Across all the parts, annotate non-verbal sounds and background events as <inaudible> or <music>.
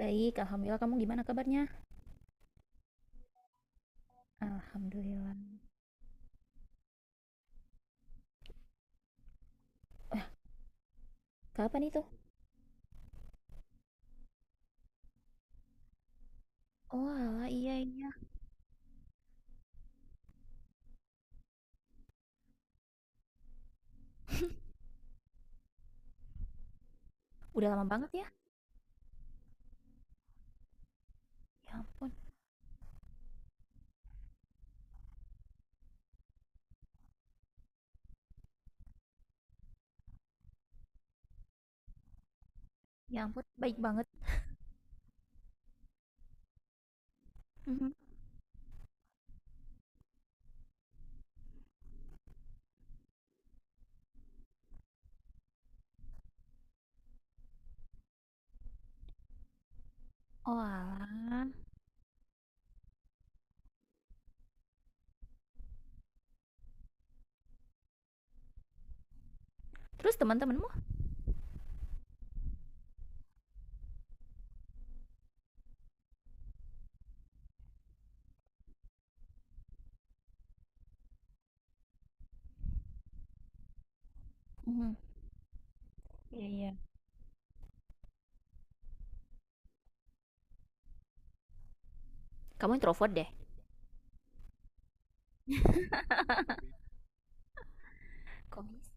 Baik, alhamdulillah. Kamu gimana kabarnya? Alhamdulillah. Kapan itu? Oh, alah, iya iya. Udah lama banget ya? Ya ampun, ya ampun, baik banget. Mhm. Oh, alah. Terus teman-temanmu? Mhm. Iya iya. Kamu introvert deh. Kok bisa?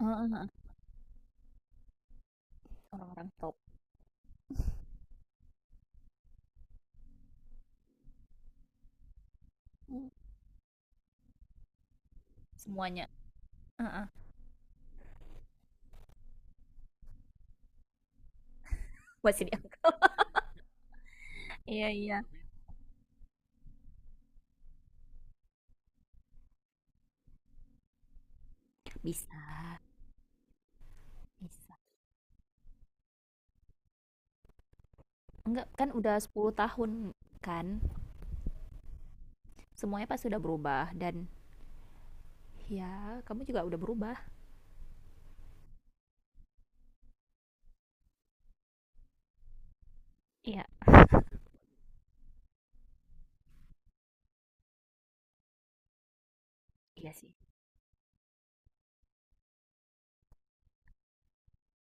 Heeh, heeh. Orang-orang top. Mm. Semuanya. Heeh. Masih diangkat. <laughs> Iya iya. Bisa, bisa. Enggak, kan udah 10 tahun kan? Semuanya pasti udah berubah dan ya, kamu juga udah berubah. Iya, iya sih.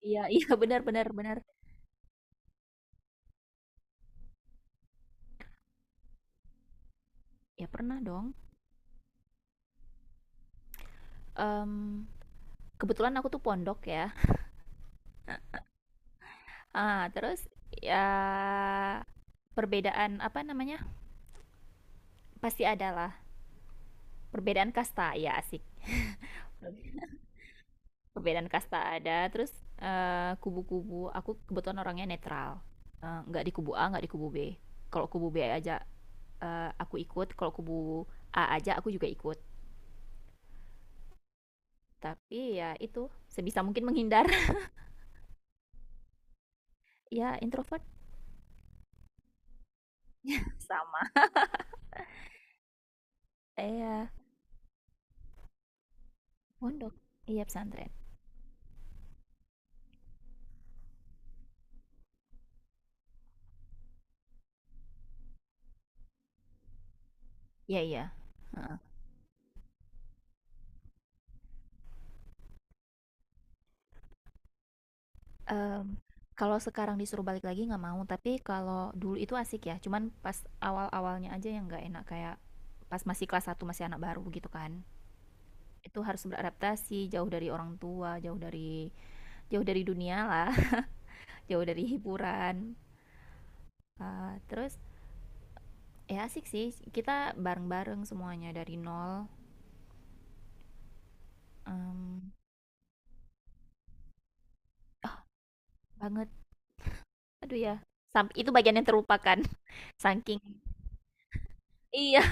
Iya, iya <laughs> benar benar benar. Ya pernah dong. Mmm, kebetulan aku tuh pondok ya. Ah, terus ya perbedaan apa namanya, pasti ada lah perbedaan kasta, ya asik. Perbedaan kasta ada, terus, kubu-kubu, aku kebetulan orangnya netral, nggak di kubu A, nggak di kubu B. Kalau kubu B aja, aku ikut, kalau kubu A aja aku juga ikut. Tapi ya itu, sebisa mungkin menghindar. <laughs> Ya introvert sama iya, pondok. Iya pesantren. Iya iya. Mmm, kalau sekarang disuruh balik lagi nggak mau, tapi kalau dulu itu asik ya, cuman pas awal-awalnya aja yang nggak enak, kayak pas masih kelas satu masih anak baru gitu kan. Itu harus beradaptasi, jauh dari orang tua, jauh dari dunia lah, <laughs> jauh dari hiburan. Terus ya asik sih, kita bareng-bareng semuanya dari nol, mmm, banget. Aduh ya, itu bagian yang terlupakan, <laughs> saking iya.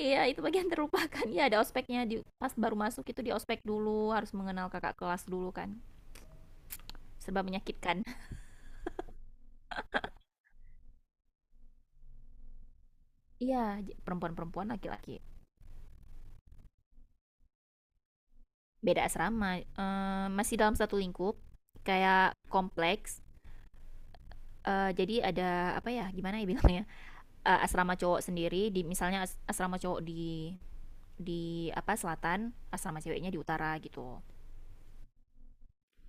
Iya, itu bagian terlupakan. Iya, ada ospeknya pas baru masuk itu di ospek dulu, harus mengenal kakak kelas dulu kan. Serba menyakitkan. <laughs> Iya, perempuan-perempuan laki-laki. Beda asrama, eh, masih dalam satu lingkup, kayak kompleks. Eh, jadi ada apa ya? Gimana ya bilangnya? Eh, asrama cowok sendiri di misalnya asrama cowok di apa selatan, asrama ceweknya di utara gitu.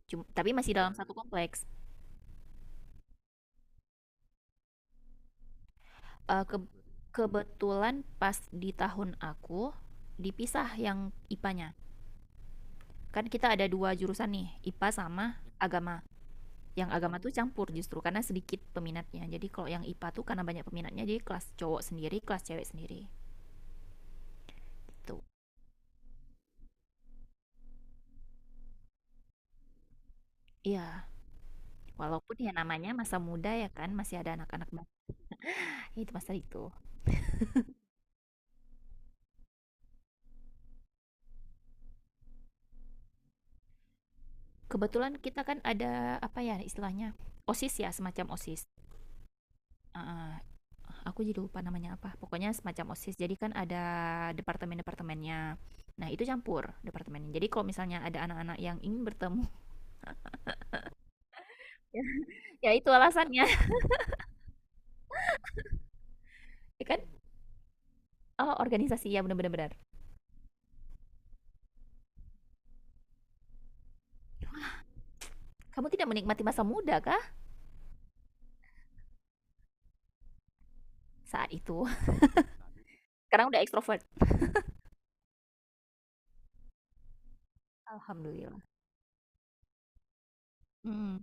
Tapi masih dalam satu kompleks. Eh, kebetulan pas di tahun aku dipisah yang IPA-nya. Kan kita ada dua jurusan nih, IPA sama agama. Yang agama tuh campur justru karena sedikit peminatnya. Jadi kalau yang IPA tuh karena banyak peminatnya jadi kelas cowok sendiri, kelas cewek sendiri. Tuh. Iya, walaupun ya namanya masa muda ya kan, masih ada anak-anak bawah itu masa itu. Kebetulan kita kan ada apa ya istilahnya? OSIS ya, semacam OSIS. Ah, aku jadi lupa namanya apa pokoknya semacam osis jadi kan ada departemen departemennya. Nah, itu campur departemennya jadi kalau misalnya ada anak-anak yang ingin bertemu. <laughs> Ya, itu alasannya. <laughs> Ya kan, oh organisasi ya benar-benar. Kamu tidak menikmati masa muda kah saat itu? <laughs> Sekarang udah ekstrovert, alhamdulillah. Mm.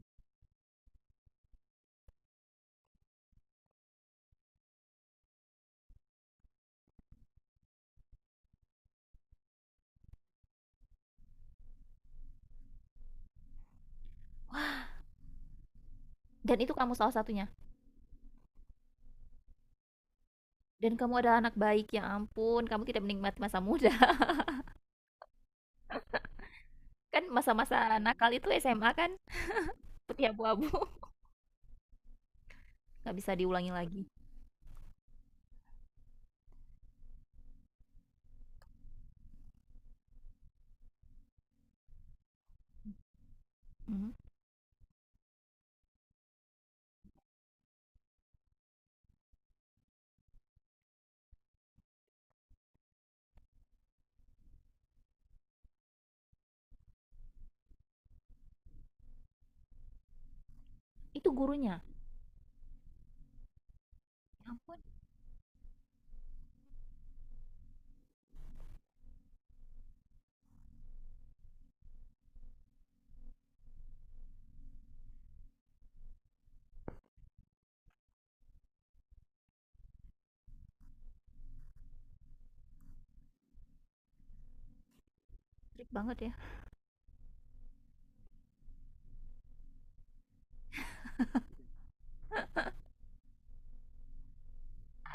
Dan itu kamu salah satunya. Dan kamu adalah anak baik, ya ampun, kamu tidak menikmati masa muda. <laughs> Kan masa-masa nakal itu SMA kan, putih abu-abu. <laughs> Nggak bisa diulangi lagi. Mhm. Itu gurunya, ya ampun, trik banget ya.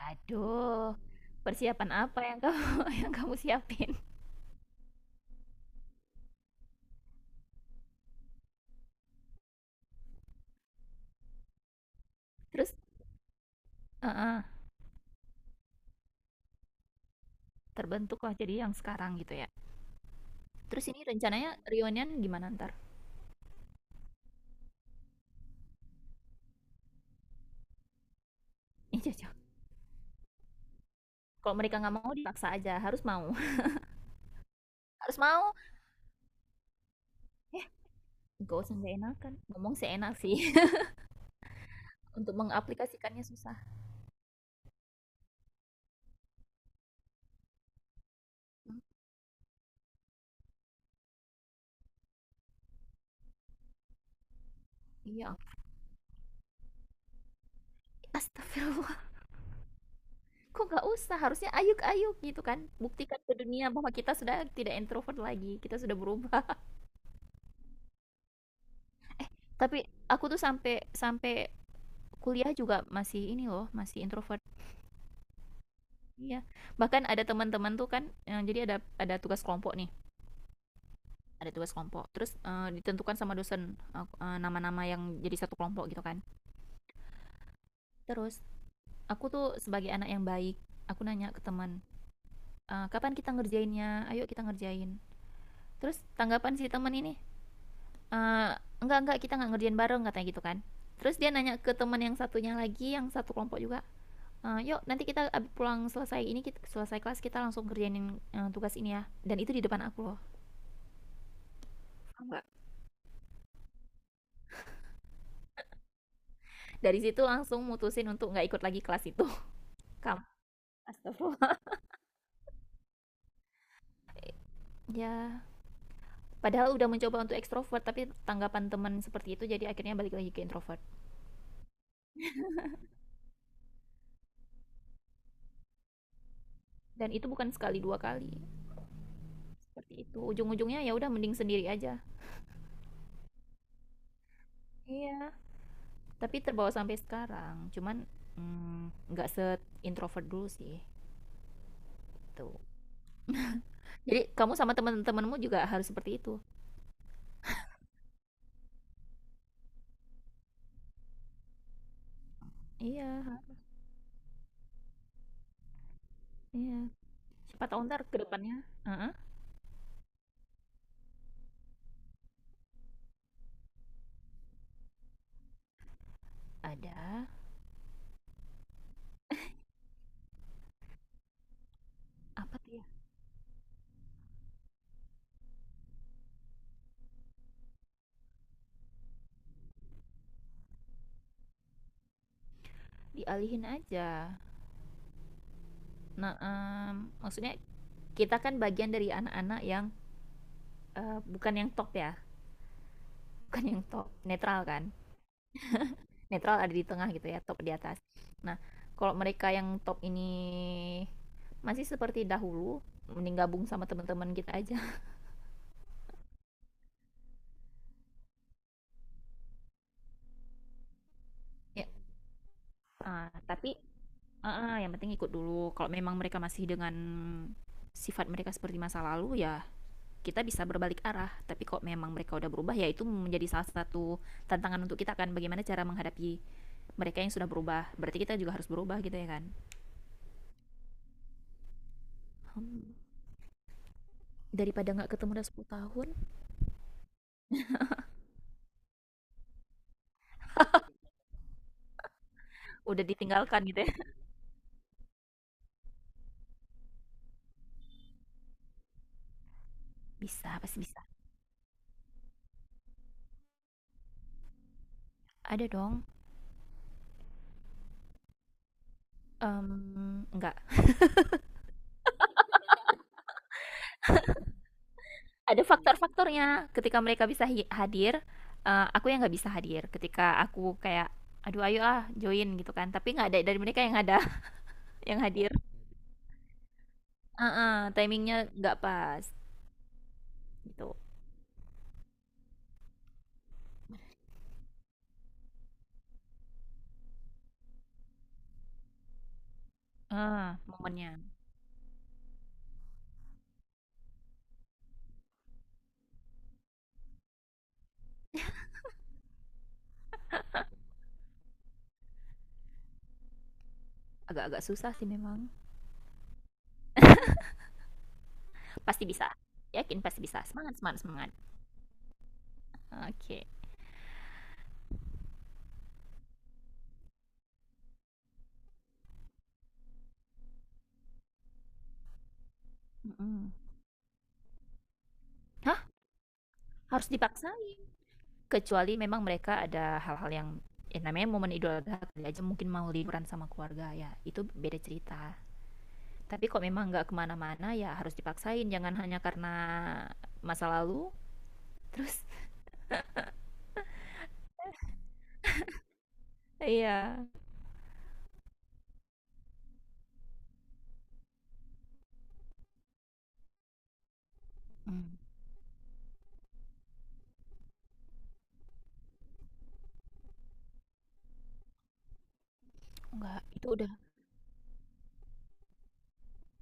Aduh, persiapan apa yang kamu <laughs> yang kamu siapin? Terus heeh, terbentuklah jadi yang sekarang gitu ya. Terus ini rencananya reunian gimana ntar? Ih, cocok. Kalau mereka nggak mau dipaksa aja, harus mau. <laughs> Harus mau. Eh, gak usah nggak enakan. Ngomong sih enak sih. <laughs> Untuk mengaplikasikannya susah. Hmm. Iya, astagfirullah. Kok nggak usah? Harusnya ayuk-ayuk gitu kan. Buktikan ke dunia bahwa kita sudah tidak introvert lagi. Kita sudah berubah. <laughs> Tapi aku tuh sampai sampai kuliah juga masih ini loh, masih introvert. Iya, bahkan ada teman-teman tuh kan, jadi ada tugas kelompok nih, ada tugas kelompok. Terus, ditentukan sama dosen, nama-nama yang jadi satu kelompok gitu kan. Terus aku tuh sebagai anak yang baik, aku nanya ke teman, "Kapan kita ngerjainnya? Ayo kita ngerjain." Terus tanggapan si teman ini, eee, enggak, kita nggak ngerjain bareng," katanya gitu kan. Terus dia nanya ke teman yang satunya lagi, yang satu kelompok juga, "Yuk nanti kita abis pulang selesai ini selesai kelas kita langsung kerjainin, tugas ini ya." Dan itu di depan aku loh. Enggak. Dari situ langsung mutusin untuk nggak ikut lagi kelas itu. <laughs> Kamu astagfirullah. Ya, padahal udah mencoba untuk ekstrovert tapi tanggapan teman seperti itu jadi akhirnya balik lagi ke introvert. Dan itu bukan sekali dua kali seperti itu, ujung-ujungnya ya udah mending sendiri aja. Iya. Tapi terbawa sampai sekarang, cuman nggak se introvert dulu sih. Tuh. Jadi kamu sama teman-temanmu juga harus seperti itu. Iya, iya, siapa tahu ntar kedepannya. Heeh. Ada apa tuh ya, dialihin aja. Nah, maksudnya kita kan bagian dari anak-anak yang eh, bukan yang top ya, <laughs> bukan yang top, netral kan. Netral ada di tengah gitu ya, top di atas. Nah, kalau mereka yang top ini masih seperti dahulu, mending gabung sama teman-teman kita aja. <laughs> Ya, ah, tapi ah, ah, yang penting ikut dulu. Kalau memang mereka masih dengan sifat mereka seperti masa lalu ya kita bisa berbalik arah, tapi kalau memang mereka udah berubah ya itu menjadi salah satu tantangan untuk kita kan, bagaimana cara menghadapi mereka yang sudah berubah, berarti kita juga harus berubah gitu ya kan. Hmm, daripada nggak ketemu udah 10 tahun, udah ditinggalkan gitu ya. Bisa, pasti bisa, ada dong. Nggak ada faktor-faktornya ketika mereka bisa hadir, eh, aku yang nggak bisa hadir, ketika aku kayak aduh ayo ah join gitu kan tapi nggak ada dari mereka yang ada. <laughs> Yang hadir. Eh, timingnya nggak pas gitu. Ah, momennya agak-agak susah sih memang. Pasti bisa, yakin pasti bisa, semangat semangat semangat. Oke. Mm. Hah, harus dipaksain, kecuali memang mereka ada hal-hal yang ya namanya momen Idul Adha aja mungkin mau liburan sama keluarga ya itu beda cerita. Tapi kok memang nggak kemana-mana ya harus dipaksain, jangan hanya karena masa lalu. <laughs> Terus iya. Hmm, nggak, itu udah,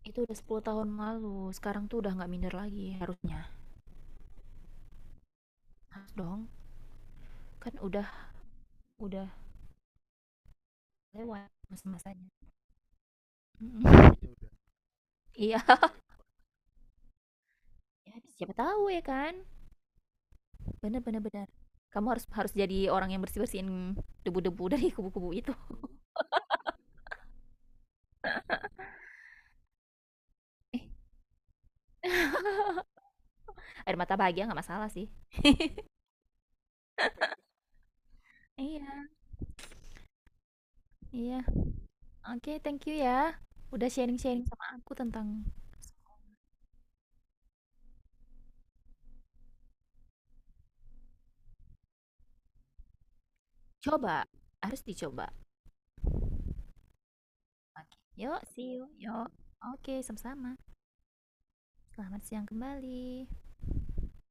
itu udah 10 tahun lalu sekarang tuh udah nggak minder lagi harusnya. Harus dong, kan udah lewat masa-masanya. Ya, iya. Ya, siapa tahu ya kan. Bener bener bener. Kamu harus harus jadi orang yang bersih bersihin debu-debu dari <laughs> kubu-kubu itu. Eh, air mata bahagia nggak masalah sih. Iya iya. Oke, thank you ya. Udah sharing sharing sama aku tentang coba, harus dicoba. Oke, yuk see you yuk. Oke, sama-sama. Selamat siang kembali.